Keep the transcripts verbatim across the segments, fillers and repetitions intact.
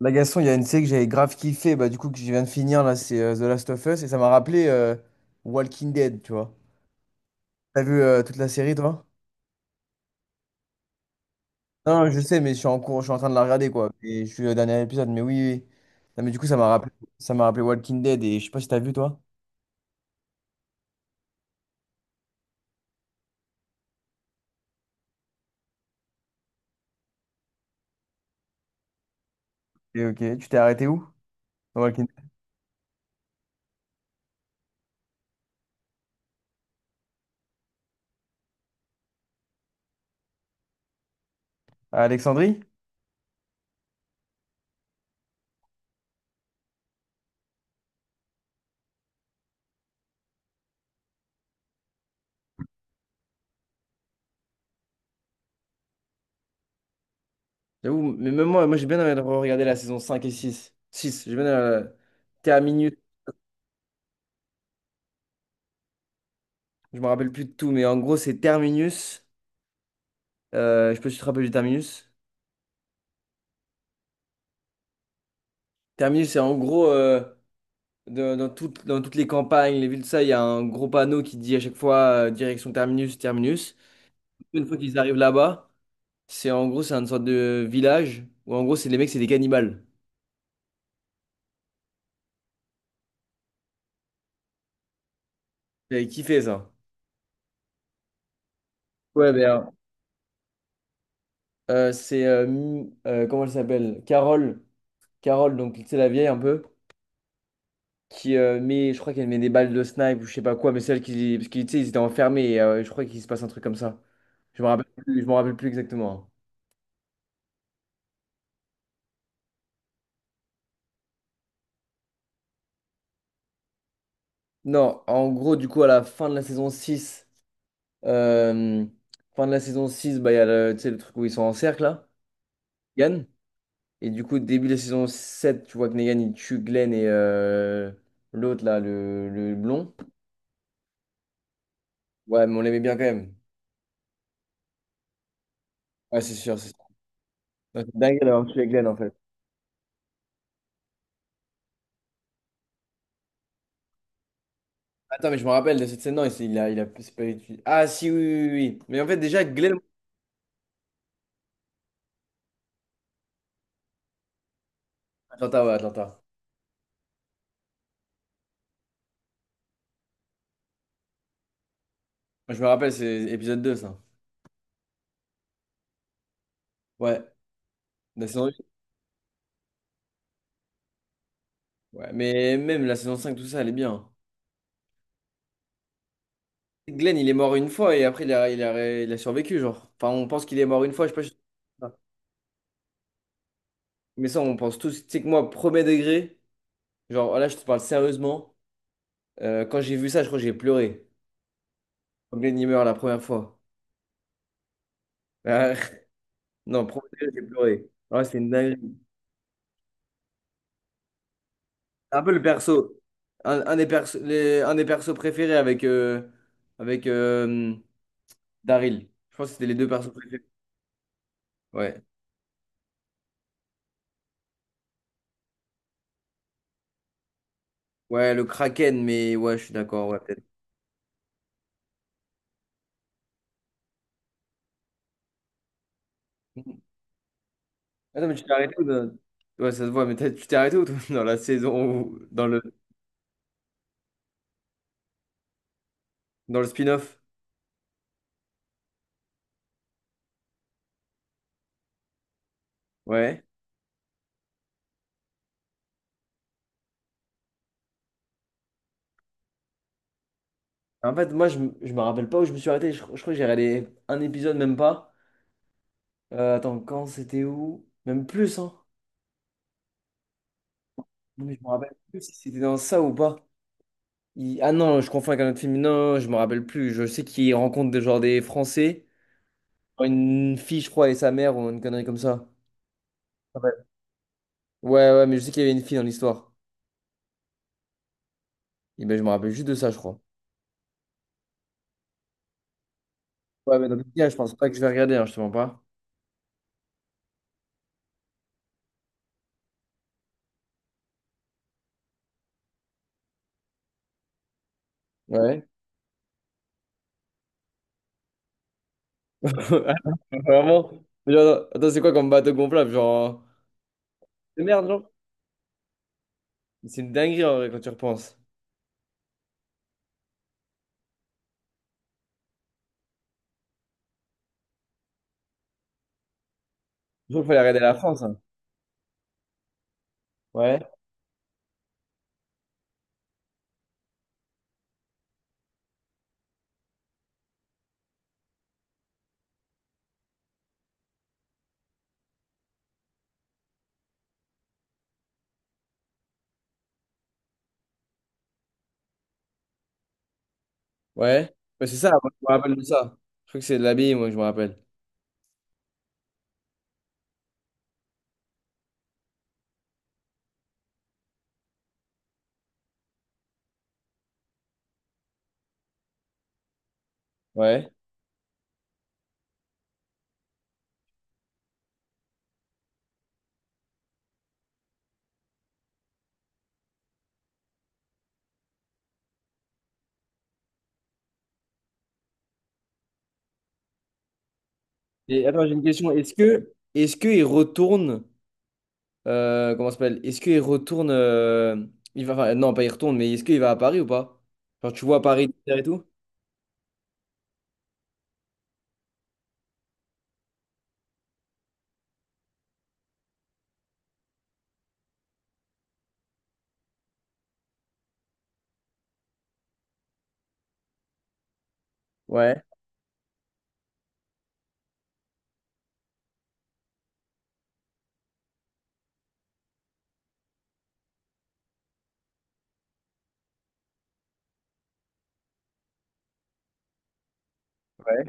La Gaston, il y a une série que j'avais grave kiffé, bah, du coup, que je viens de finir, là, c'est euh, The Last of Us, et ça m'a rappelé euh, Walking Dead, tu vois. T'as vu euh, toute la série, toi? Non, je sais, mais je suis en cours, je suis en train de la regarder, quoi. Et je suis au dernier épisode, mais oui, oui. oui. Non, mais du coup, ça m'a rappelé, ça m'a rappelé Walking Dead, et je sais pas si t'as vu, toi. Et ok, tu t'es arrêté où? Dans Walking Dead. À Alexandrie? J'avoue, mais même moi, moi j'ai bien envie de regarder la saison cinq et six six j'ai bien euh, Terminus, je me rappelle plus de tout, mais en gros, c'est Terminus. Euh, je peux te rappeler du Terminus? Terminus, c'est en gros, euh, de- dans toutes, dans toutes les campagnes, les villes, ça, il y a un gros panneau qui dit à chaque fois euh, direction Terminus, Terminus. Une fois qu'ils arrivent là-bas, c'est en gros, c'est une sorte de village où en gros, c'est les mecs, c'est des cannibales. J'avais kiffé ça. Ouais, ben, euh, c'est, euh, Mi- euh, comment elle s'appelle? Carole. Carole, donc, tu sais, la vieille un peu, qui euh, met, je crois qu'elle met des balles de snipe ou je sais pas quoi, mais celle qui, parce qu'ils, tu sais, ils étaient enfermés et euh, je crois qu'il se passe un truc comme ça. Je me rappelle plus, je me rappelle plus exactement, hein. Non, en gros, du coup, à la fin de la saison six, euh, fin de la saison six, bah, il y a le, tu sais, le truc où ils sont en cercle, là, Negan. Et du coup, début de la saison sept, tu vois que Negan, il tue Glenn et euh, l'autre, là, le, le blond. Ouais, mais on l'aimait bien quand même. Ouais, c'est sûr, c'est sûr. Non, c'est dingue d'avoir tué Glenn, en fait. Attends, mais je me rappelle de cette scène, non, il, s'est- il a, il a, c'est pas utile. Ah, si, oui, oui, oui. oui. Mais en fait, déjà, Glenn... Atlanta, ouais, Atlanta. Moi, je me rappelle, c'est épisode deux ça. Ouais, la saison huit. Ouais, mais même la saison cinq, tout ça, elle est bien. Glenn, il est mort une fois et après, il a, il a, il a survécu, genre. Enfin, on pense qu'il est mort une fois, je sais pas. je- Mais ça, on pense tous. Tu sais que moi, premier degré, genre, là, je te parle sérieusement. Euh, quand j'ai vu ça, je crois que j'ai pleuré. Quand Glenn, il meurt la première fois. Euh, non, premier degré, j'ai pleuré. Ouais, c'est une dinguerie. C'est un peu le perso. Un, un des perso, les- un des persos préférés avec, euh, avec euh, Daryl. Je pense que c'était les deux persos préférés. Ouais. Ouais, le Kraken, mais ouais, je suis d'accord. Ouais. Attends, mais tu t'es arrêté où dans- Ouais, ça se voit, mais t'as- tu t'es arrêté où, toi, dans la saison, où- dans le, dans le spin-off? Ouais. En fait, moi, je, m- je me rappelle pas où je me suis arrêté. Je, je crois que j'ai regardé un épisode, même pas. Euh, attends, quand c'était où? Même plus, hein. Non, mais je me rappelle plus si c'était dans ça ou pas. Il- Ah non, je confonds avec un autre film. Non, je me rappelle plus. Je sais qu'il rencontre des, genre, des Français. Une fille, je crois, et sa mère, ou une connerie comme ça. Ouais, ouais, ouais, mais je sais qu'il y avait une fille dans l'histoire. Et ben, je me rappelle juste de ça, je crois. Ouais, mais dans tout cas, je pense pas que je vais regarder, hein, je te mens pas. Ouais. Vraiment. Genre, attends, c'est quoi comme bateau gonflable? Genre. De merde, genre. C'est une dinguerie en vrai quand tu repenses. Je crois qu'il fallait regarder la France, hein. Ouais. Ouais. Ouais, c'est ça, moi, je me rappelle de ça. Je crois que c'est de l'abbaye, moi, je me rappelle. Ouais. Et attends, j'ai une question. Est-ce que est-ce qu'il retourne euh, comment ça s'appelle? Est-ce qu'il retourne euh, il va enfin, non, pas il retourne, mais est-ce qu'il va à Paris ou pas? Genre tu vois Paris et tout? Ouais. Ouais.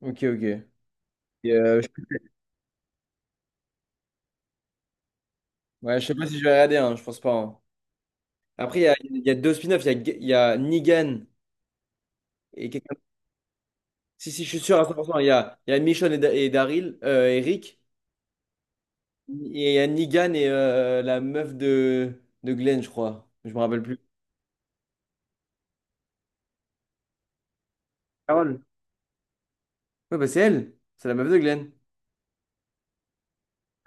Ok, ok. Et, euh, je- ouais, je sais pas si je vais regarder, hein, je pense pas, hein. Après, il y a, il y a deux spin-offs. Il y a, G- il y a Negan et quelqu'un. Si, si, je suis sûr à cent pour cent. Il y a, il y a Michonne et, Da- et Daryl, euh, et Rick. Et il y a Negan et euh, la meuf de, de Glenn, je crois. Je me rappelle plus. Carole. Ouais, bah c'est elle. C'est la meuf de Glenn.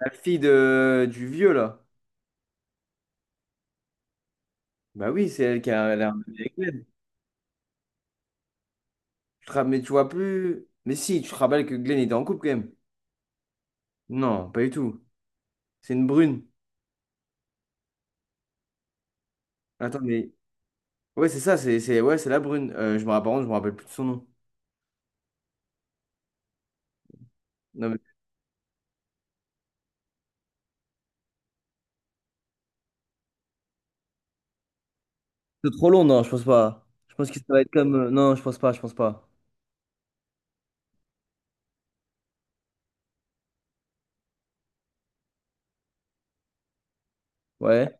La fille de, du vieux, là. Bah oui, c'est elle qui a l'air avec Glenn. Tu te ra- mais tu vois plus. Mais si, tu te rappelles que Glenn était en couple quand même. Non, pas du tout. C'est une brune. Attends, mais. Ouais, c'est ça, c'est c'est- ouais, c'est la brune. Euh, je me rappelle, je me rappelle plus de son nom. Non, c'est trop long, non, je pense pas. Je pense que ça va être comme, euh, non, je pense pas, je pense pas. Ouais.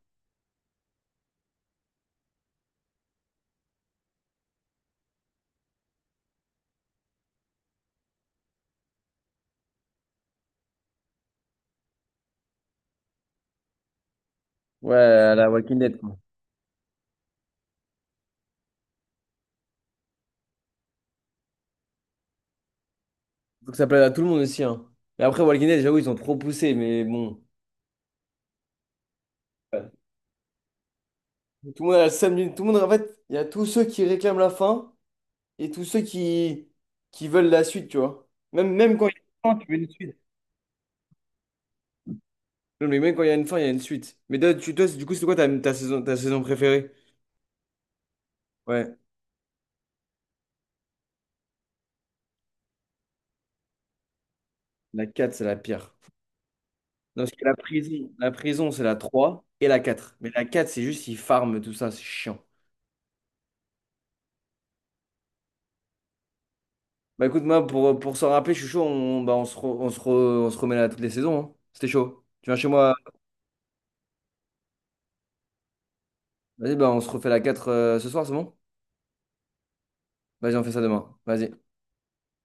Ouais, à la Walking Dead, quoi. Faut que ça plaise à tout le monde aussi, hein. Mais après, Walking Dead, j'avoue, ils ont trop poussé, mais bon. Ouais. Tout le monde a le samedi. Tout le monde, en fait, il y a tous ceux qui réclament la fin et tous ceux qui, qui veulent la suite, tu vois. Même, même quand il y a une fin, tu veux une suite. Non, mais même quand il y a une fin, il y a une suite. Mais toi, tu- toi, du coup, c'est quoi ta, ta saison, ta saison préférée? Ouais. La quatre, c'est la pire. Parce que la prison, la prison, c'est la trois et la quatre. Mais la quatre c'est juste, ils farment tout ça, c'est chiant. Bah écoute, moi, pour, pour s'en rappeler, je suis chaud, on, bah, on, se re- on, se re- on se remet là toutes les saisons, hein. C'était chaud. Tu viens chez moi, vas-y, bah, on se refait la quatre euh, ce soir, c'est bon? Vas-y, on fait ça demain. Vas-y.